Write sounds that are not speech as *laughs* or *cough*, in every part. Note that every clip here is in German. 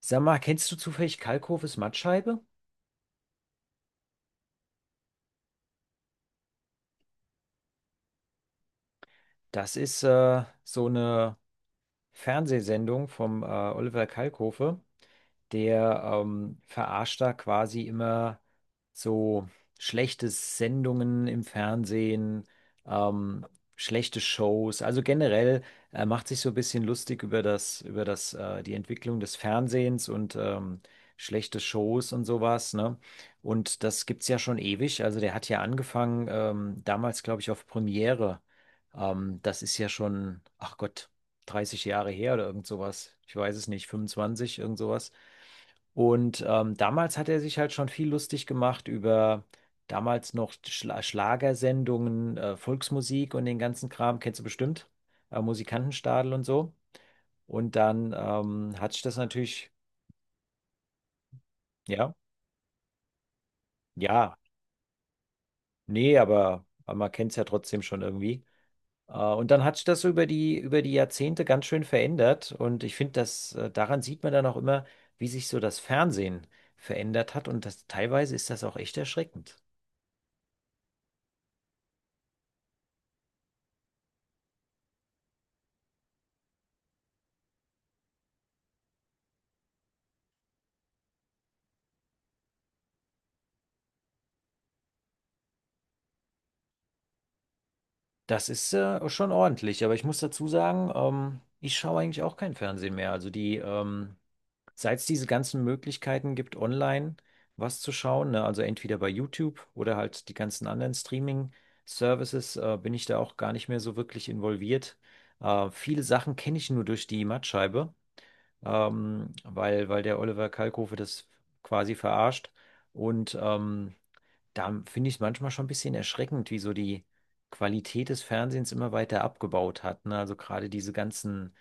Sag mal, kennst du zufällig Kalkofes Mattscheibe? Das ist so eine Fernsehsendung vom Oliver Kalkofe. Der verarscht da quasi immer so schlechte Sendungen im Fernsehen, ähm, schlechte Shows. Also generell macht sich so ein bisschen lustig über das, die Entwicklung des Fernsehens und schlechte Shows und sowas, ne? Und das gibt's ja schon ewig. Also der hat ja angefangen, damals, glaube ich, auf Premiere. Das ist ja schon, ach Gott, 30 Jahre her oder irgend sowas. Ich weiß es nicht, 25, irgend sowas. Und damals hat er sich halt schon viel lustig gemacht über damals noch Schlagersendungen, Volksmusik und den ganzen Kram, kennst du bestimmt, Musikantenstadel und so. Und dann hat sich das natürlich, ja, ja, nee, aber man kennt es ja trotzdem schon irgendwie. Und dann hat sich das so über die Jahrzehnte ganz schön verändert. Und ich finde, dass daran sieht man dann auch immer, wie sich so das Fernsehen verändert hat. Und das, teilweise ist das auch echt erschreckend. Das ist schon ordentlich, aber ich muss dazu sagen, ich schaue eigentlich auch kein Fernsehen mehr. Also die, seit es diese ganzen Möglichkeiten gibt, online was zu schauen, ne? Also entweder bei YouTube oder halt die ganzen anderen Streaming-Services, bin ich da auch gar nicht mehr so wirklich involviert. Viele Sachen kenne ich nur durch die Mattscheibe, weil der Oliver Kalkofe das quasi verarscht. Und da finde ich es manchmal schon ein bisschen erschreckend, wie so die Qualität des Fernsehens immer weiter abgebaut hat. Ne? Also gerade diese ganzen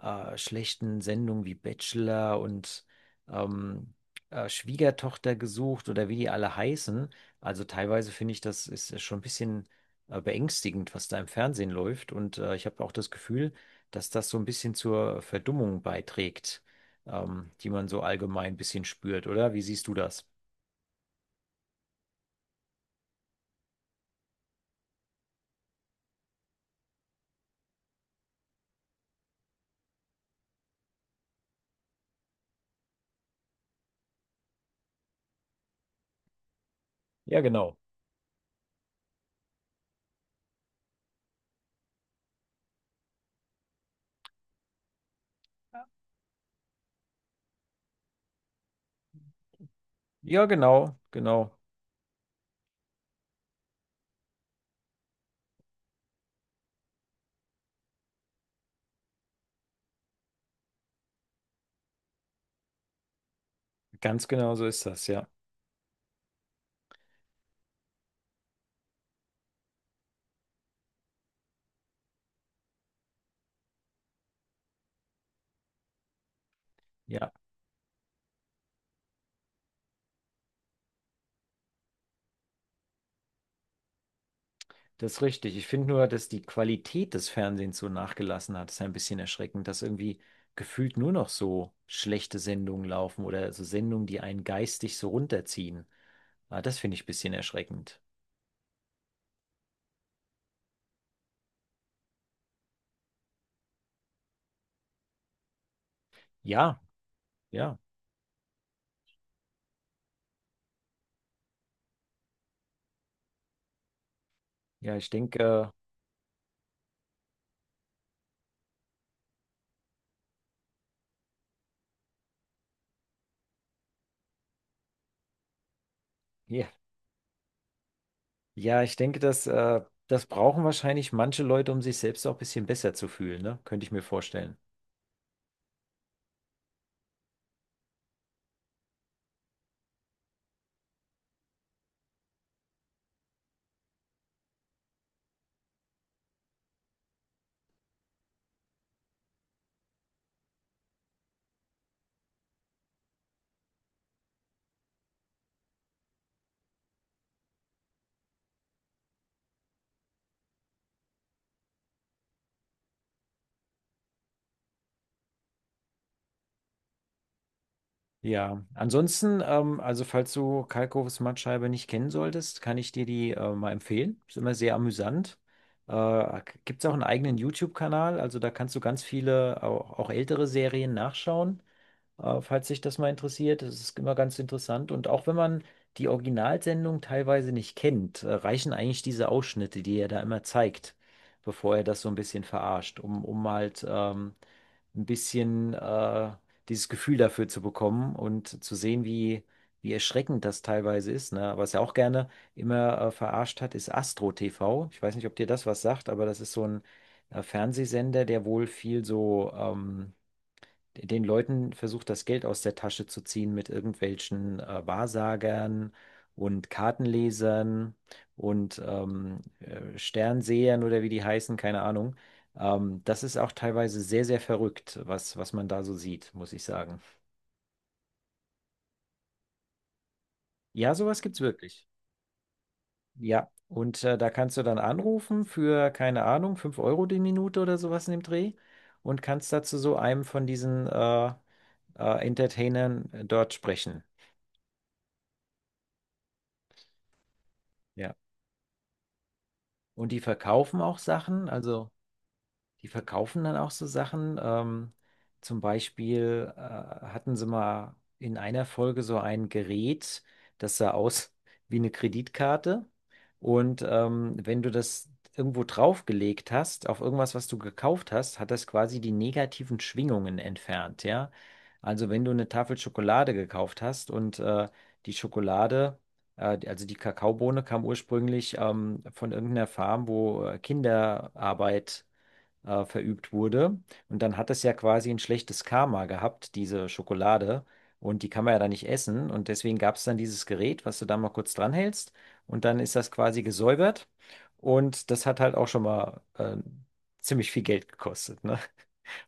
schlechten Sendungen wie Bachelor und ähm, Schwiegertochter gesucht oder wie die alle heißen. Also teilweise finde ich, das ist schon ein bisschen beängstigend, was da im Fernsehen läuft. Und ich habe auch das Gefühl, dass das so ein bisschen zur Verdummung beiträgt, die man so allgemein ein bisschen spürt, oder? Wie siehst du das? Ja, genau. Ja, genau, genau. Ganz genau so ist das, ja. Ja, das ist richtig. Ich finde nur, dass die Qualität des Fernsehens so nachgelassen hat. Das ist ein bisschen erschreckend, dass irgendwie gefühlt nur noch so schlechte Sendungen laufen oder so Sendungen, die einen geistig so runterziehen. Ah, das finde ich ein bisschen erschreckend. Ja, ja, ja, ich denke, ja, ja, ich denke, dass das brauchen wahrscheinlich manche Leute, um sich selbst auch ein bisschen besser zu fühlen, ne? Könnte ich mir vorstellen. Ja, ansonsten, also falls du Kalkofes Mattscheibe nicht kennen solltest, kann ich dir die mal empfehlen. Ist immer sehr amüsant. Gibt es auch einen eigenen YouTube-Kanal, also da kannst du ganz viele, auch ältere Serien nachschauen. Falls sich das mal interessiert, das ist immer ganz interessant. Und auch wenn man die Originalsendung teilweise nicht kennt, reichen eigentlich diese Ausschnitte, die er da immer zeigt, bevor er das so ein bisschen verarscht, um halt ein bisschen dieses Gefühl dafür zu bekommen und zu sehen, wie, wie erschreckend das teilweise ist. Ne? Was er auch gerne immer verarscht hat, ist Astro TV. Ich weiß nicht, ob dir das was sagt, aber das ist so ein Fernsehsender, der wohl viel so. Den Leuten versucht, das Geld aus der Tasche zu ziehen mit irgendwelchen Wahrsagern und Kartenlesern und Sternsehern oder wie die heißen, keine Ahnung. Das ist auch teilweise sehr, sehr verrückt, was man da so sieht, muss ich sagen. Ja, sowas gibt's wirklich. Ja, und da kannst du dann anrufen für, keine Ahnung, 5 Euro die Minute oder sowas in dem Dreh und kannst dazu so einem von diesen Entertainern dort sprechen. Ja. Und die verkaufen auch Sachen, also. Die verkaufen dann auch so Sachen. Zum Beispiel hatten sie mal in einer Folge so ein Gerät, das sah aus *laughs* wie eine Kreditkarte. Und wenn du das irgendwo draufgelegt hast, auf irgendwas, was du gekauft hast, hat das quasi die negativen Schwingungen entfernt, ja. Also wenn du eine Tafel Schokolade gekauft hast und die Schokolade, also die Kakaobohne kam ursprünglich von irgendeiner Farm, wo Kinderarbeit verübt wurde. Und dann hat es ja quasi ein schlechtes Karma gehabt, diese Schokolade. Und die kann man ja dann nicht essen. Und deswegen gab es dann dieses Gerät, was du da mal kurz dranhältst. Und dann ist das quasi gesäubert. Und das hat halt auch schon mal ziemlich viel Geld gekostet, ne?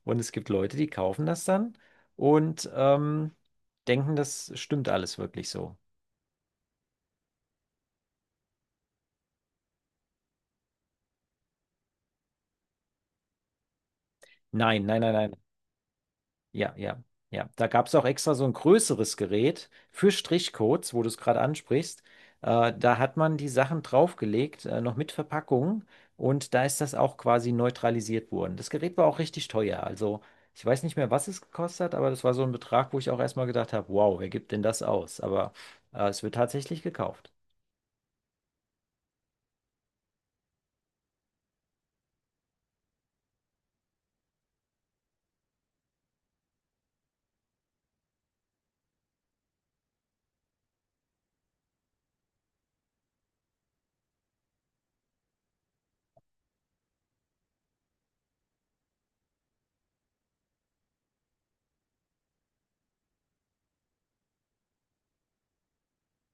Und es gibt Leute, die kaufen das dann und denken, das stimmt alles wirklich so. Nein, nein, nein, nein. Ja, ja, ja. Da gab es auch extra so ein größeres Gerät für Strichcodes, wo du es gerade ansprichst. Da hat man die Sachen draufgelegt, noch mit Verpackung. Und da ist das auch quasi neutralisiert worden. Das Gerät war auch richtig teuer. Also ich weiß nicht mehr, was es gekostet hat, aber das war so ein Betrag, wo ich auch erstmal gedacht habe, wow, wer gibt denn das aus? Aber es wird tatsächlich gekauft.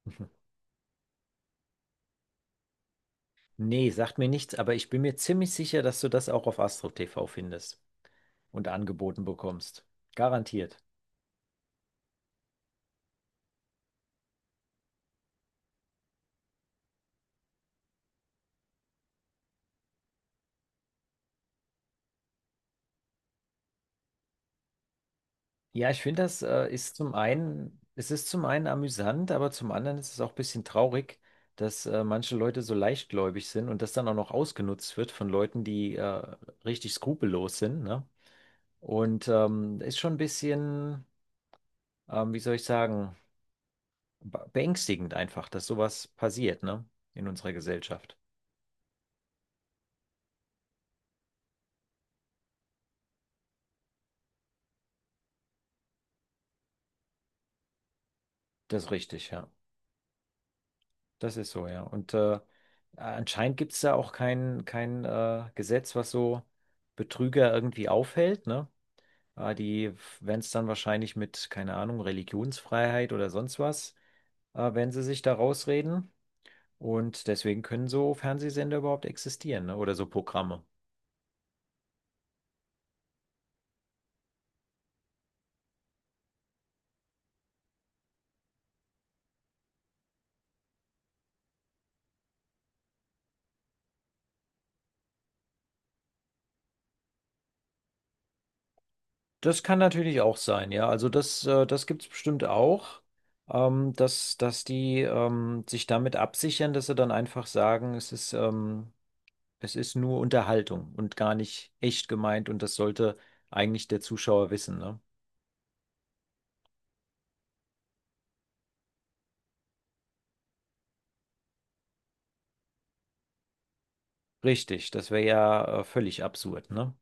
*laughs* Nee, sagt mir nichts, aber ich bin mir ziemlich sicher, dass du das auch auf Astro TV findest und angeboten bekommst. Garantiert. Ja, ich finde, das ist zum einen, es ist zum einen amüsant, aber zum anderen ist es auch ein bisschen traurig, dass manche Leute so leichtgläubig sind und das dann auch noch ausgenutzt wird von Leuten, die richtig skrupellos sind, ne? Und ist schon ein bisschen, wie soll ich sagen, beängstigend einfach, dass sowas passiert, ne? In unserer Gesellschaft. Das ist richtig, ja. Das ist so, ja. Und anscheinend gibt es da auch kein Gesetz, was so Betrüger irgendwie aufhält, ne? Die, wenn es dann wahrscheinlich mit, keine Ahnung, Religionsfreiheit oder sonst was, wenn sie sich da rausreden. Und deswegen können so Fernsehsender überhaupt existieren, ne? Oder so Programme. Das kann natürlich auch sein, ja. Also das, das gibt es bestimmt auch, dass die sich damit absichern, dass sie dann einfach sagen, es ist nur Unterhaltung und gar nicht echt gemeint und das sollte eigentlich der Zuschauer wissen, ne? Richtig, das wäre ja völlig absurd, ne?